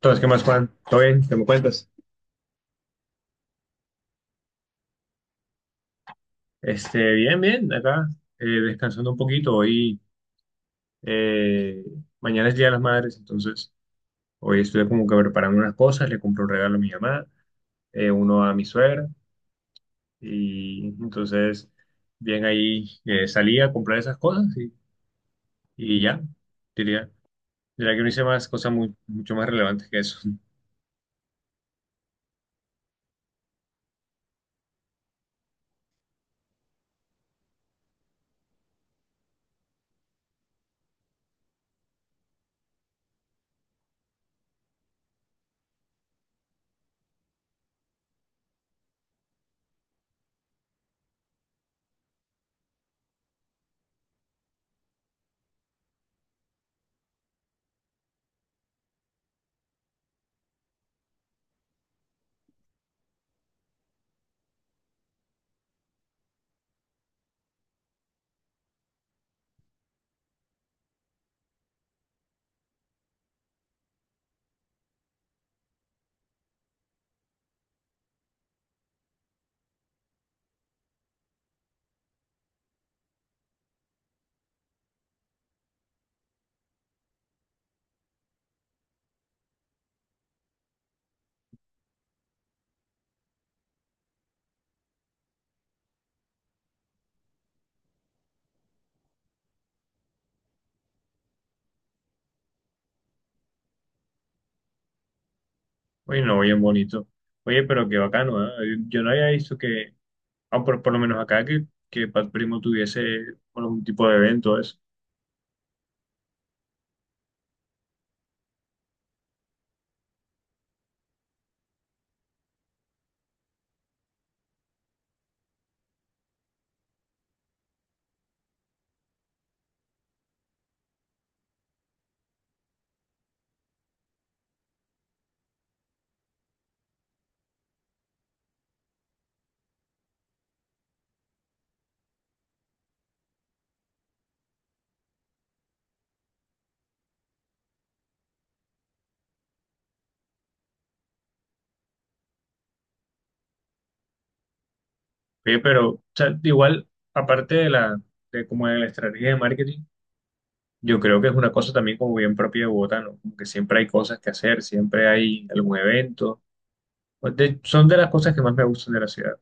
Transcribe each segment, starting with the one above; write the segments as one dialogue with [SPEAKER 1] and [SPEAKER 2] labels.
[SPEAKER 1] Entonces, ¿qué más, Juan? ¿Todo bien? ¿Qué me cuentas? Bien, bien, acá, descansando un poquito. Eh, Mañana es Día de las Madres, entonces hoy estoy como que preparando unas cosas, le compro un regalo a mi mamá, uno a mi suegra, y entonces, bien ahí, salí a comprar esas cosas y ya, diría, diría que no hice más cosas mucho más relevantes que eso. Oye, no, bien bonito. Oye, pero qué bacano, ¿eh? Yo no había visto que... Ah, por lo menos acá que Pat Primo tuviese, bueno, algún tipo de evento, eso. Oye, pero o sea, igual, aparte de como de la estrategia de marketing, yo creo que es una cosa también como bien propia de Bogotá, ¿no? Como que siempre hay cosas que hacer, siempre hay algún evento. Son de las cosas que más me gustan de la ciudad.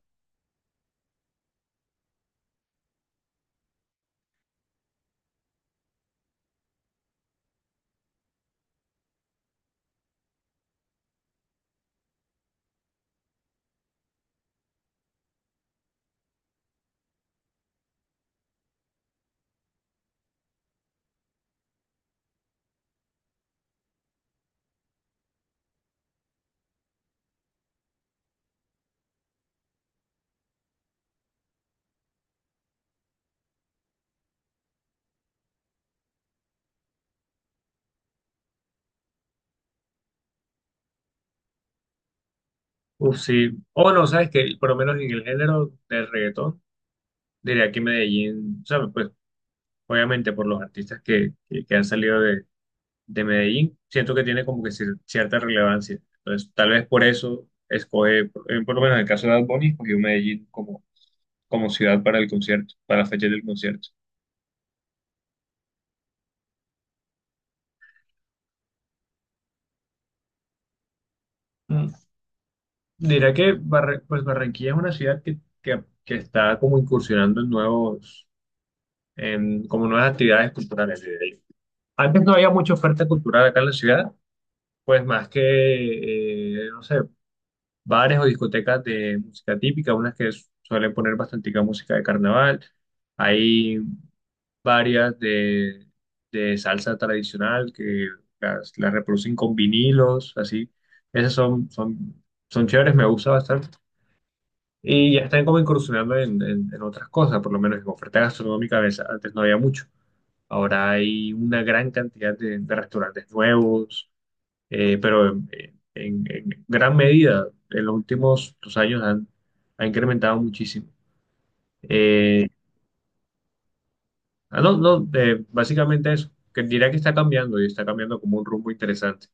[SPEAKER 1] Uf, sí. O no, sabes que por lo menos en el género del reggaetón, diría que Medellín, o sea, pues obviamente por los artistas que han salido de Medellín, siento que tiene como que cierta relevancia. Entonces, tal vez por eso escoge, por lo menos en el caso de Bad Bunny, escogió Medellín como, como ciudad para el concierto, para la fecha del concierto. Mm, diré que pues Barranquilla es una ciudad que está como incursionando en nuevos, en como nuevas actividades culturales. Diré yo. Antes no había mucha oferta cultural acá en la ciudad, pues más que, no sé, bares o discotecas de música típica, unas que suelen poner bastante música de carnaval. Hay varias de salsa tradicional que las reproducen con vinilos, así. Esas son chéveres, me gusta bastante. Y ya están como incursionando en otras cosas, por lo menos en oferta gastronómica, a veces antes no había mucho. Ahora hay una gran cantidad de restaurantes nuevos, pero en gran medida en los últimos dos años ha incrementado muchísimo. Eh, no, básicamente eso, que diría que está cambiando y está cambiando como un rumbo interesante.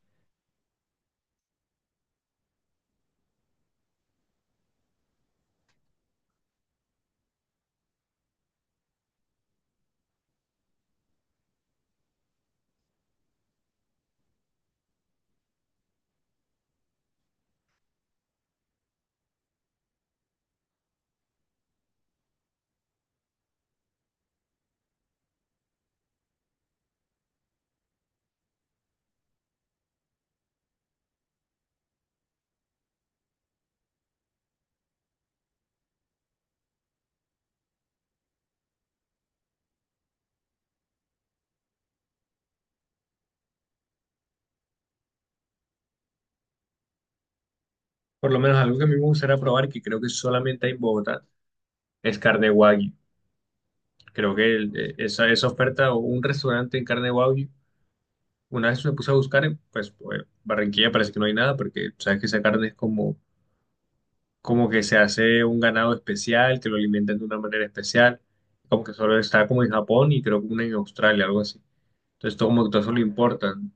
[SPEAKER 1] Por lo menos algo que a mí me gustaría probar, que creo que solamente hay en Bogotá, es carne wagyu. Creo que esa oferta o un restaurante en carne wagyu, una vez me puse a buscar, en, pues, bueno, Barranquilla parece que no hay nada, porque sabes que esa carne es como como que se hace un ganado especial, que lo alimentan de una manera especial, como que solo está como en Japón y creo que una en Australia, algo así. Entonces, todo como que todo eso le importan.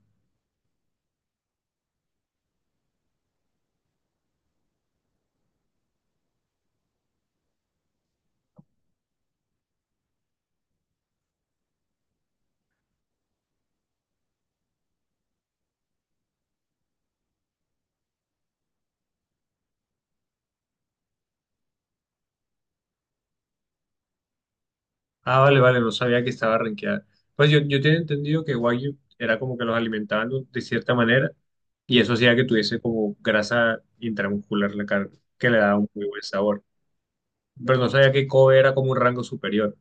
[SPEAKER 1] Ah, vale, vale, no sabía que estaba rankeada. Pues yo tenía entendido que Wagyu era como que los alimentaban de cierta manera y eso hacía que tuviese como grasa intramuscular la carne, que le daba un muy buen sabor. Pero no sabía que Kobe era como un rango superior,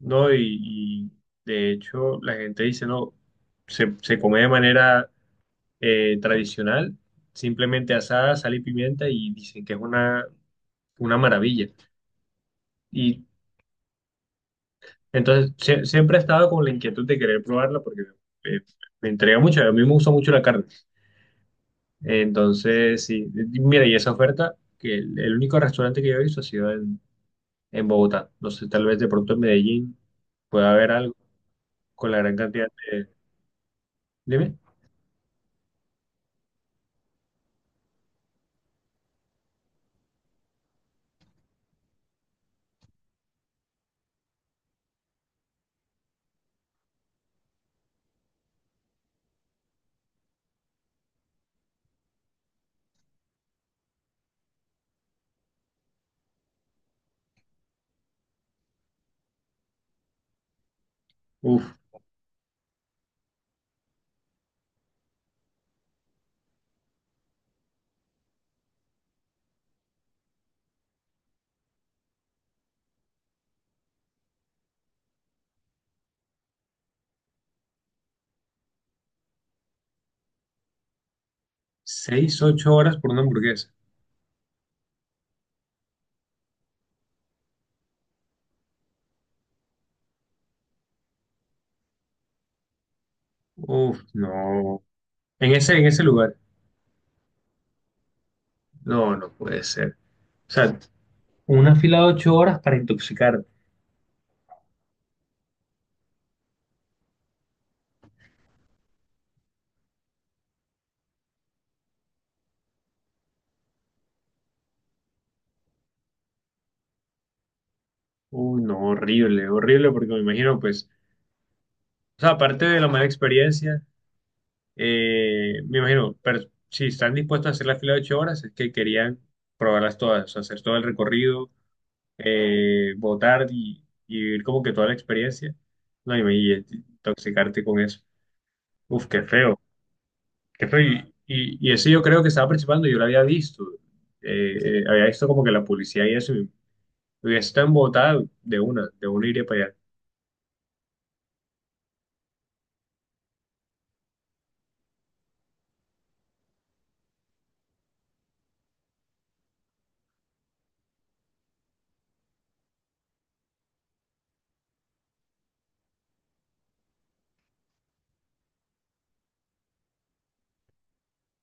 [SPEAKER 1] ¿no? Y de hecho la gente dice, no, se come de manera tradicional, simplemente asada, sal y pimienta y dicen que es una maravilla. Y entonces siempre he estado con la inquietud de querer probarla porque eh, me entrega mucho, a mí me gusta mucho la carne. Entonces, sí, y mira, y esa oferta, que el único restaurante que yo he visto ha sido en Bogotá. No sé, tal vez de pronto en Medellín pueda haber algo con la gran cantidad de... Dime, uf, seis, ocho horas por una hamburguesa. Uf, no. En ese lugar. No, no puede ser. O sea, una fila de ocho horas para intoxicarte. Uy, no, horrible, horrible, porque me imagino, pues, o sea, aparte de la mala experiencia, me imagino, pero si están dispuestos a hacer la fila de ocho horas, es que querían probarlas todas, o sea, hacer todo el recorrido, votar y vivir como que toda la experiencia. No, y intoxicarte con eso. Uf, qué feo, qué feo. Y ese yo creo que estaba participando, yo lo había visto. Había visto como que la publicidad y eso, hubiese estado en Bogotá, de una iría para allá.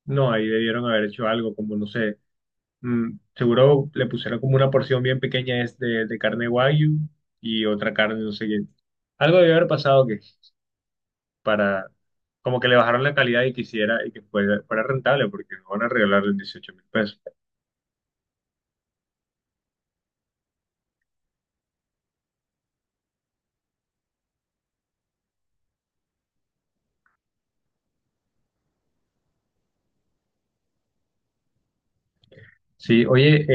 [SPEAKER 1] No, ahí debieron haber hecho algo, como no sé. Mm, seguro le pusieron como una porción bien pequeña es de carne wagyu y otra carne, no sé qué. Algo debió haber pasado que para, como que le bajaron la calidad y quisiera y que fuera rentable, porque no van a regalarle 18 mil pesos. Sí, oye,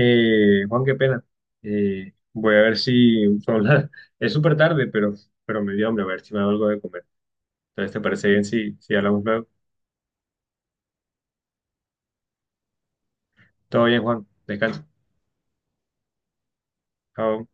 [SPEAKER 1] Juan, qué pena. Voy a ver si son... Es súper tarde, pero me dio hambre, a ver si me hago algo de comer. Entonces, ¿te parece bien si hablamos luego? Todo bien, Juan. Descansa. Chao.